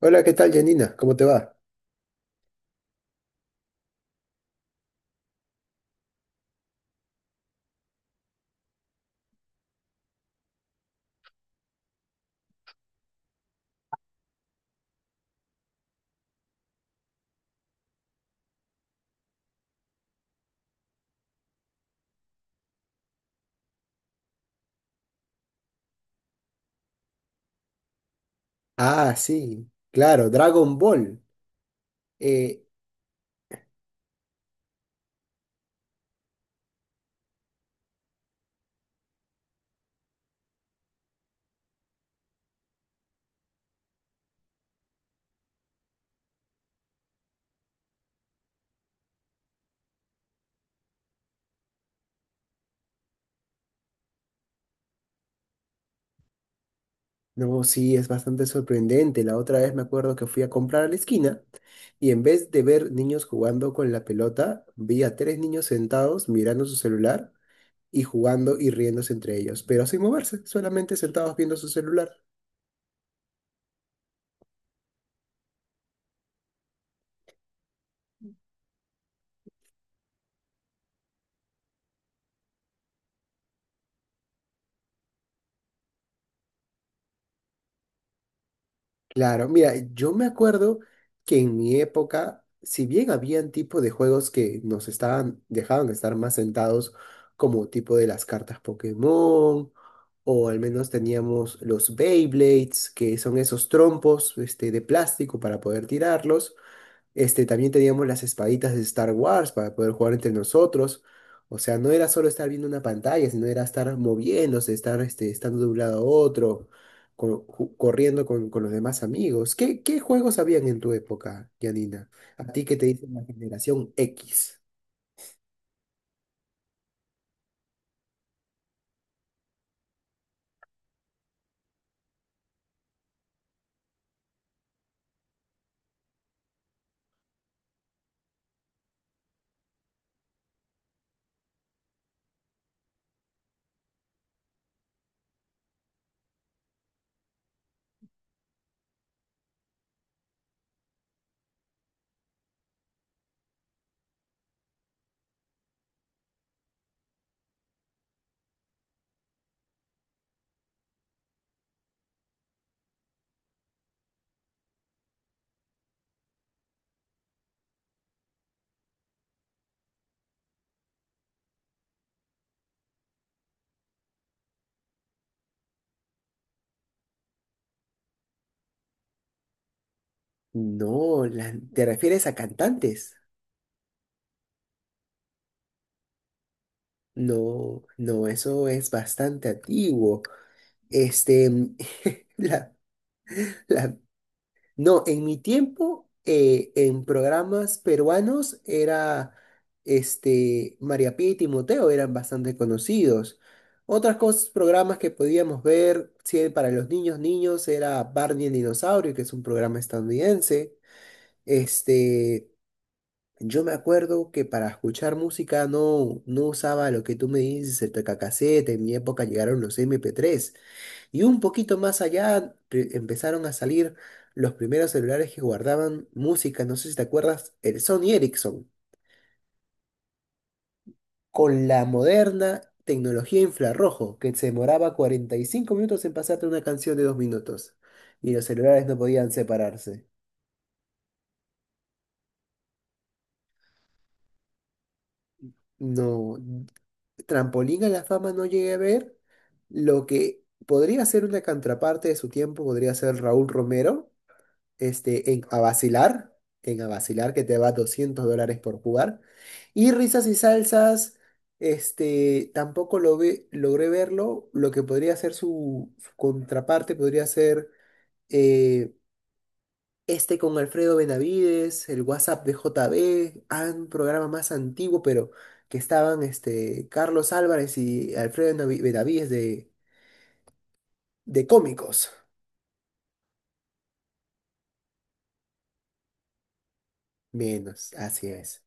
Hola, ¿qué tal, Janina? ¿Cómo te va? Ah, sí, claro, Dragon Ball. Eh, no, sí, es bastante sorprendente. La otra vez me acuerdo que fui a comprar a la esquina y en vez de ver niños jugando con la pelota, vi a tres niños sentados mirando su celular y jugando y riéndose entre ellos, pero sin moverse, solamente sentados viendo su celular. Claro, mira, yo me acuerdo que en mi época, si bien habían tipo de juegos que nos estaban, dejaban estar más sentados, como tipo de las cartas Pokémon, o al menos teníamos los Beyblades, que son esos trompos de plástico para poder tirarlos. También teníamos las espaditas de Star Wars para poder jugar entre nosotros. O sea, no era solo estar viendo una pantalla, sino era estar moviéndose, estar estando de un lado a otro, corriendo con los demás amigos. ¿Qué juegos habían en tu época, Janina? A ti que te dicen la generación X. No, ¿te refieres a cantantes? No, no, eso es bastante antiguo. Este, la, la No, en mi tiempo, en programas peruanos era María Pía y Timoteo eran bastante conocidos. Otras cosas, programas que podíamos ver, si para los niños, niños, era Barney el dinosaurio, que es un programa estadounidense. Este, yo me acuerdo que para escuchar música no usaba lo que tú me dices, el tocacasete. En mi época llegaron los MP3. Y un poquito más allá empezaron a salir los primeros celulares que guardaban música, no sé si te acuerdas, el Sony Ericsson, con la moderna tecnología infrarrojo, que se demoraba 45 minutos en pasarte una canción de 2 minutos. Y los celulares no podían separarse. No, Trampolín a la fama no llegué a ver. Lo que podría ser una contraparte de su tiempo podría ser Raúl Romero en a vacilar, que te va $200 por jugar. Y risas y salsas, tampoco logré verlo. Lo que podría ser su contraparte podría ser eh, con Alfredo Benavides, el WhatsApp de JB, ah, un programa más antiguo, pero que estaban Carlos Álvarez y Alfredo Benavides de cómicos. Menos, así es.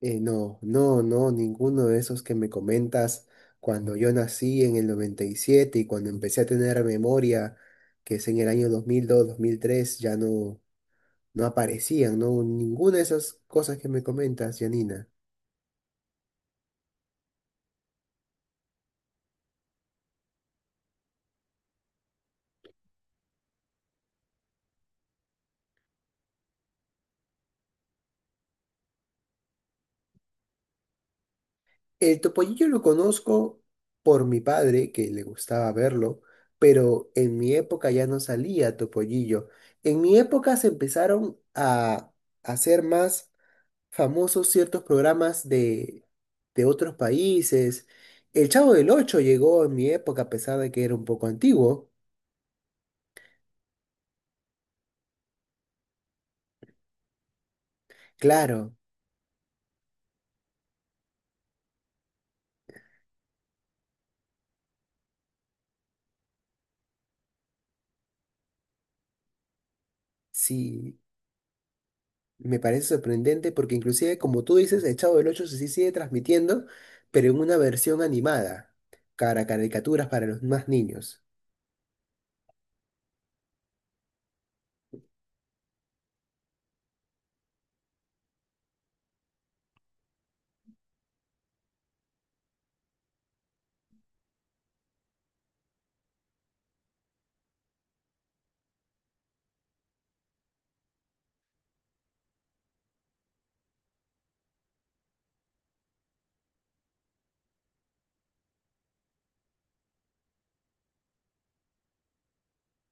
No, no, no, ninguno de esos que me comentas cuando yo nací en el 97 y siete y cuando empecé a tener memoria, que es en el año 2002, 2003, ya no aparecían, no, ninguna de esas cosas que me comentas, Janina. El topollillo lo conozco por mi padre, que le gustaba verlo, pero en mi época ya no salía topollillo. En mi época se empezaron a hacer más famosos ciertos programas de otros países. El Chavo del Ocho llegó en mi época, a pesar de que era un poco antiguo. Claro, sí, me parece sorprendente porque inclusive, como tú dices, el Chavo del Ocho sí sigue transmitiendo, pero en una versión animada, cara caricaturas para los más niños.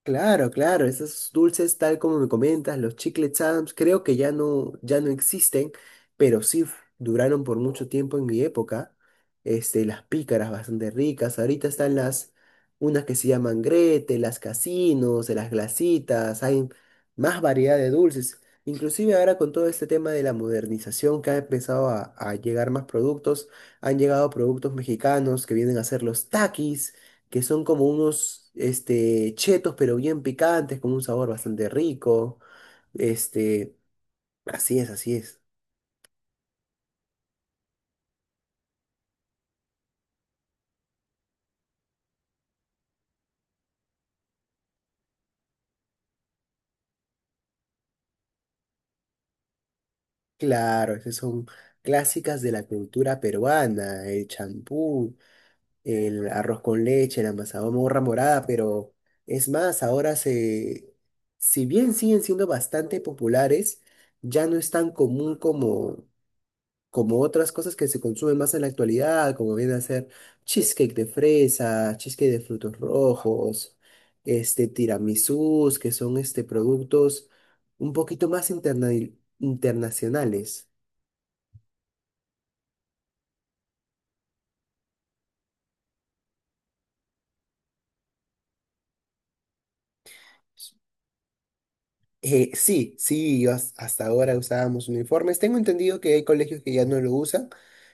Claro, claro, esos dulces, tal como me comentas, los chiclets Adams, creo que ya no existen, pero sí duraron por mucho tiempo en mi época. Las pícaras bastante ricas. Ahorita están unas que se llaman Grete, las casinos, las glacitas, hay más variedad de dulces. Inclusive ahora con todo este tema de la modernización que ha empezado a llegar más productos, han llegado productos mexicanos que vienen a ser los taquis que son como unos chetos, pero bien picantes, con un sabor bastante rico. Este, así es, así es. Claro, esas son clásicas de la cultura peruana, el champú, el arroz con leche, la mazamorra morada, pero es más, ahora si bien siguen siendo bastante populares, ya no es tan común como otras cosas que se consumen más en la actualidad, como viene a ser cheesecake de fresa, cheesecake de frutos rojos, tiramisús, que son productos un poquito internacionales. Sí, sí, yo hasta ahora usábamos uniformes. Tengo entendido que hay colegios que ya no lo usan,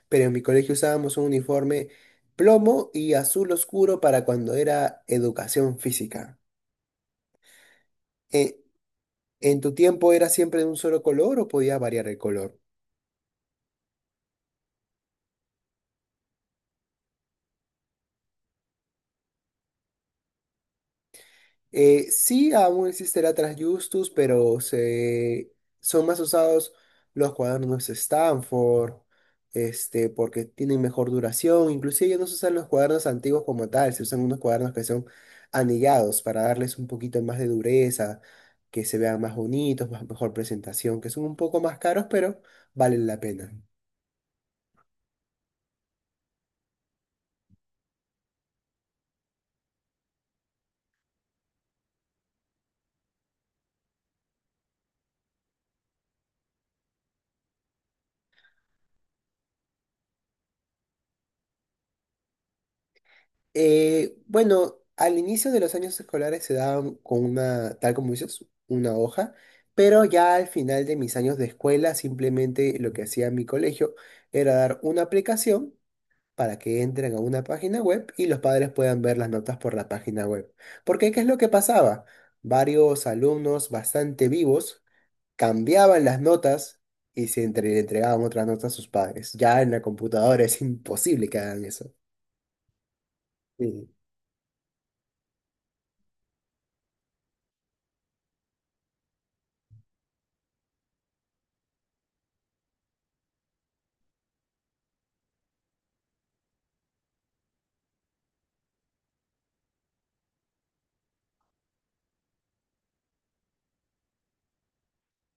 pero en mi colegio usábamos un uniforme plomo y azul oscuro para cuando era educación física. Eh, ¿en tu tiempo era siempre de un solo color o podía variar el color? Sí, aún existe la Trasjustus, pero son más usados los cuadernos Stanford, porque tienen mejor duración. Inclusive ya no se usan los cuadernos antiguos como tal, se usan unos cuadernos que son anillados para darles un poquito más de dureza, que se vean más bonitos, mejor presentación, que son un poco más caros, pero valen la pena. Bueno, al inicio de los años escolares se daban con una, tal como dices, una hoja, pero ya al final de mis años de escuela simplemente lo que hacía mi colegio era dar una aplicación para que entren a una página web y los padres puedan ver las notas por la página web. Porque, ¿qué es lo que pasaba? Varios alumnos bastante vivos cambiaban las notas y le entregaban otras notas a sus padres. Ya en la computadora es imposible que hagan eso. Sí.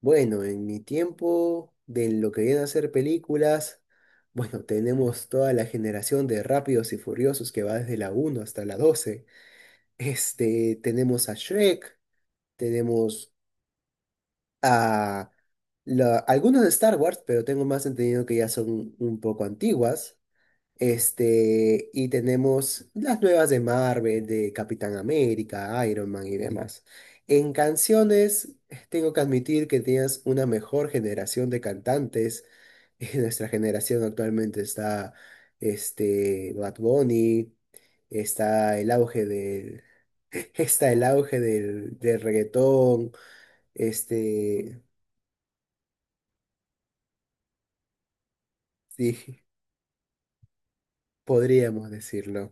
Bueno, en mi tiempo de lo que viene a ser películas, bueno, tenemos toda la generación de Rápidos y Furiosos que va desde la uno hasta la 12. Tenemos a Shrek, tenemos a algunos de Star Wars, pero tengo más entendido que ya son un poco antiguas. Y tenemos las nuevas de Marvel, de Capitán América, Iron Man y demás. En canciones, tengo que admitir que tienes una mejor generación de cantantes. Nuestra generación actualmente está Bad Bunny, está el auge del, está el auge del reggaetón. Este, sí, podríamos decirlo.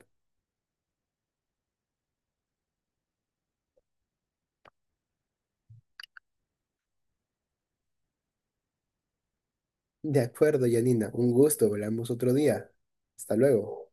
De acuerdo, Janina, un gusto, hablamos otro día. Hasta luego.